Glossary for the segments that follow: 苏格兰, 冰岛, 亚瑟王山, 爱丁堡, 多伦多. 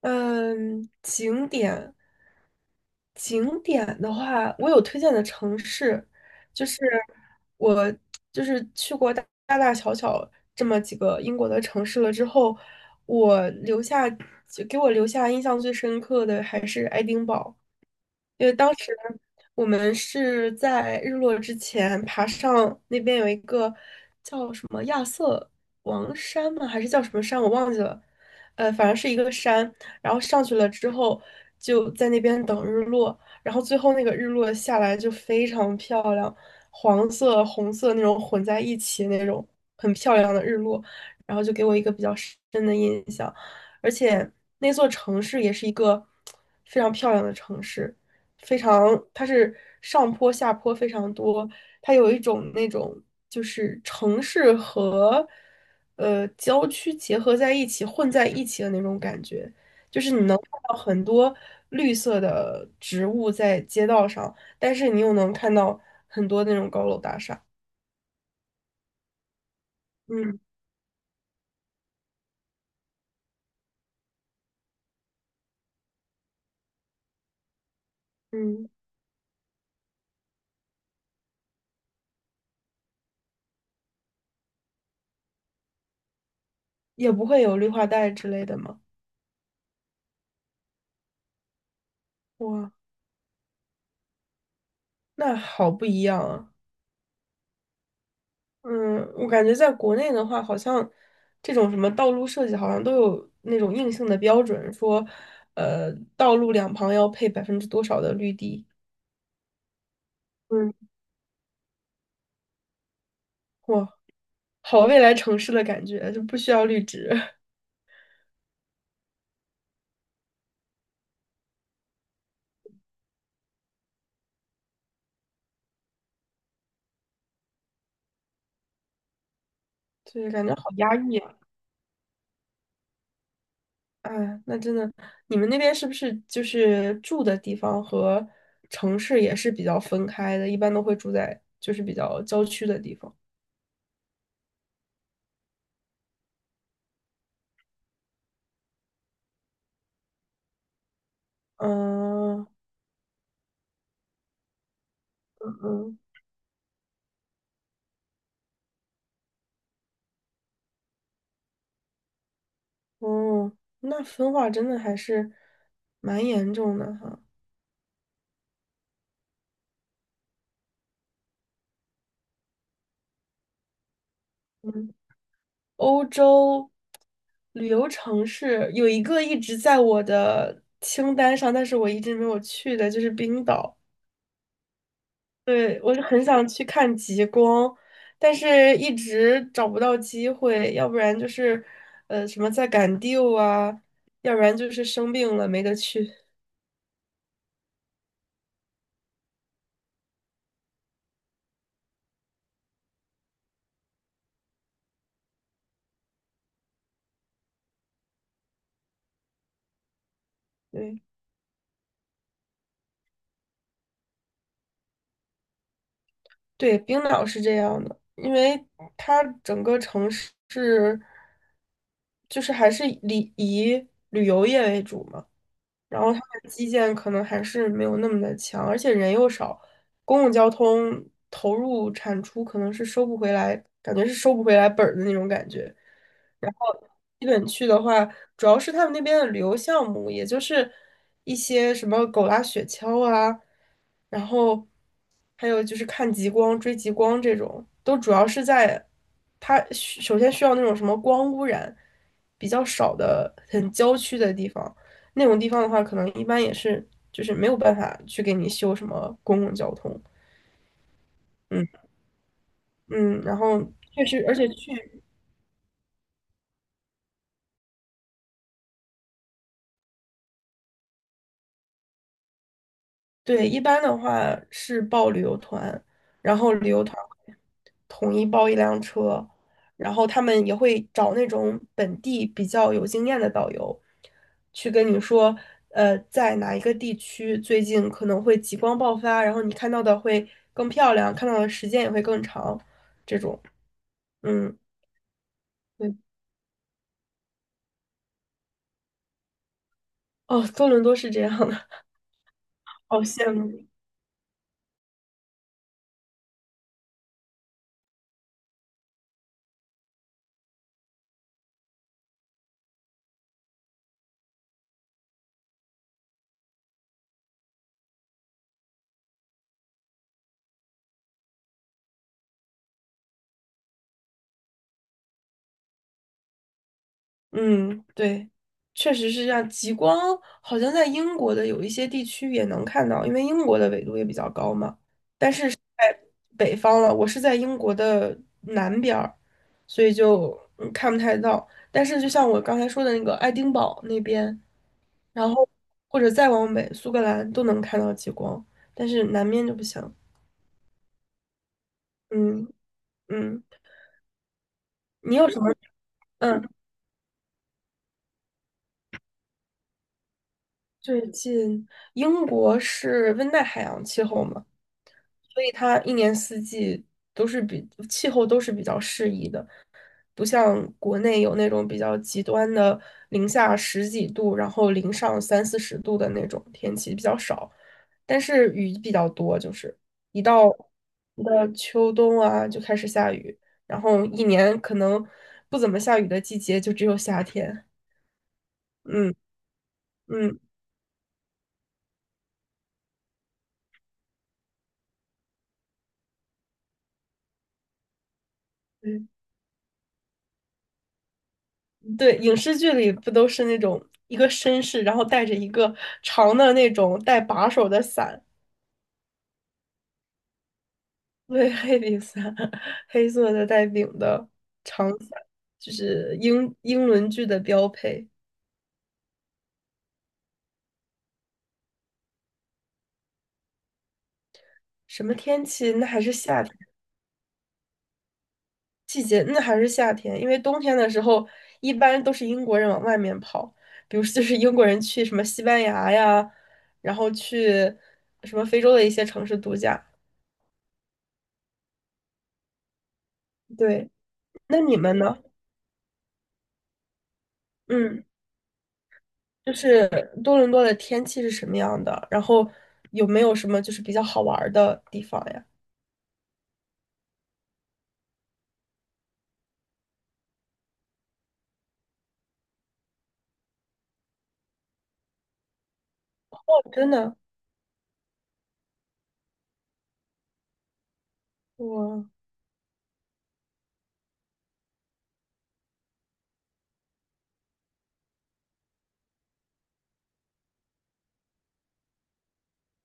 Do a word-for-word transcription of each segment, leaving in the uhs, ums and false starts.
嗯，景点。景点的话，我有推荐的城市。就是我就是去过大大大小小这么几个英国的城市了之后，我留下就给我留下印象最深刻的还是爱丁堡。因为当时我们是在日落之前爬上那边，有一个叫什么亚瑟王山吗？还是叫什么山？我忘记了。呃，反正是一个山，然后上去了之后就在那边等日落，然后最后那个日落下来就非常漂亮，黄色、红色那种混在一起那种很漂亮的日落，然后就给我一个比较深的印象。而且那座城市也是一个非常漂亮的城市。非常，它是上坡下坡非常多，它有一种那种就是城市和呃郊区结合在一起、混在一起的那种感觉，就是你能看到很多绿色的植物在街道上，但是你又能看到很多那种高楼大厦。嗯嗯，也不会有绿化带之类的吗？哇，那好不一样啊！嗯，我感觉在国内的话，好像这种什么道路设计，好像都有那种硬性的标准，说，呃，道路两旁要配百分之多少的绿地。嗯，哇，好未来城市的感觉，就不需要绿植。对，感觉好压抑啊！哎，那真的，你们那边是不是就是住的地方和城市也是比较分开的？一般都会住在就是比较郊区的地方。嗯嗯嗯。哦，那分化真的还是蛮严重的哈。嗯，欧洲旅游城市有一个一直在我的清单上，但是我一直没有去的，就是冰岛。对，我是很想去看极光，但是一直找不到机会，要不然就是呃什么在赶 due 啊，要不然就是生病了没得去。对。对，冰岛是这样的，因为它整个城市是就是还是以以旅游业为主嘛，然后它的基建可能还是没有那么的强，而且人又少，公共交通投入产出可能是收不回来，感觉是收不回来本儿的那种感觉。然后基本去的话，主要是他们那边的旅游项目，也就是一些什么狗拉雪橇啊，然后还有就是看极光、追极光这种，都主要是在它需首先需要那种什么光污染比较少的、很郊区的地方，那种地方的话，可能一般也是就是没有办法去给你修什么公共交通。嗯嗯，然后确实，而且去对，一般的话是报旅游团，然后旅游团统一包一辆车，然后他们也会找那种本地比较有经验的导游，去跟你说，呃，在哪一个地区最近可能会极光爆发，然后你看到的会更漂亮，看到的时间也会更长，这种，嗯，对，哦，多伦多是这样的。好羡慕。嗯，对，确实是这样。极光好像在英国的有一些地区也能看到，因为英国的纬度也比较高嘛。但是在北方了，我是在英国的南边儿，所以就嗯看不太到。但是就像我刚才说的那个爱丁堡那边，然后或者再往北，苏格兰都能看到极光，但是南面就不行。嗯嗯，你有什么？嗯，最近英国是温带海洋气候吗？所以它一年四季都是比气候都是比较适宜的，不像国内有那种比较极端的零下十几度，然后零上三四十度的那种天气比较少，但是雨比较多，就是一到一到秋冬啊就开始下雨，然后一年可能不怎么下雨的季节就只有夏天。嗯嗯。嗯对，影视剧里不都是那种一个绅士，然后带着一个长的那种带把手的伞，对，黑柄伞。黑色的带柄的长伞，就是英英伦剧的标配。什么天气？那还是夏天季节，那还是夏天，因为冬天的时候一般都是英国人往外面跑，比如说就是英国人去什么西班牙呀，然后去什么非洲的一些城市度假。对，那你们呢？嗯。就是多伦多的天气是什么样的？然后有没有什么就是比较好玩儿的地方呀？哦，真的，我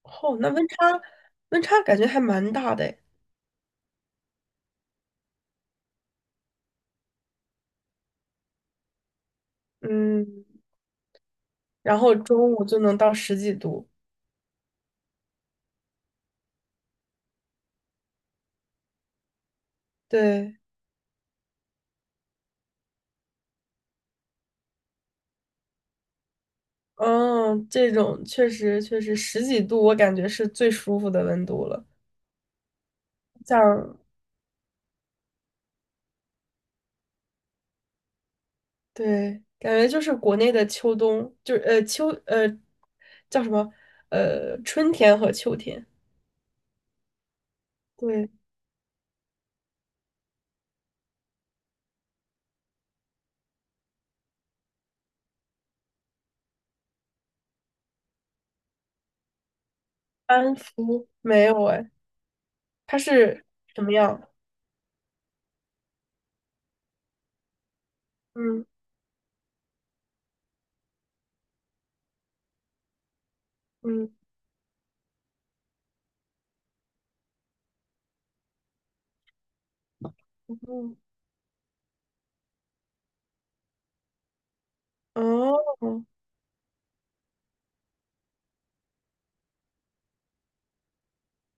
哦，那温差温差感觉还蛮大的诶。嗯，然后中午就能到十几度，对，嗯，这种确实确实十几度，我感觉是最舒服的温度了。像对，感觉就是国内的秋冬，就是呃秋呃叫什么呃春天和秋天，对。安福没有哎，它是什么样？嗯嗯嗯，哦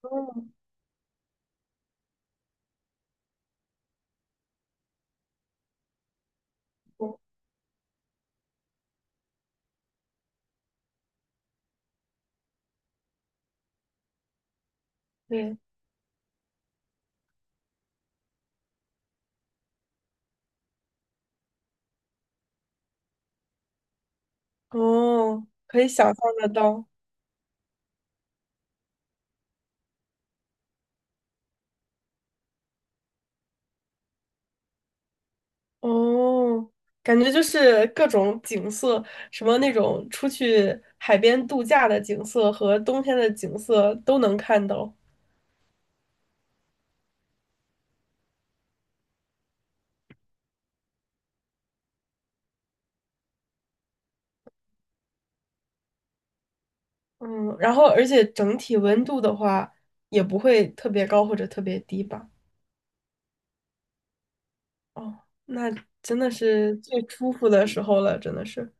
哦哦，对，哦，可以想象得到，哦，感觉就是各种景色，什么那种出去海边度假的景色和冬天的景色都能看到。嗯，然后而且整体温度的话，也不会特别高或者特别低吧？哦，那真的是最舒服的时候了，真的是。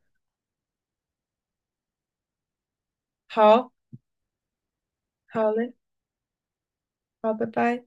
好，好嘞，好，拜拜。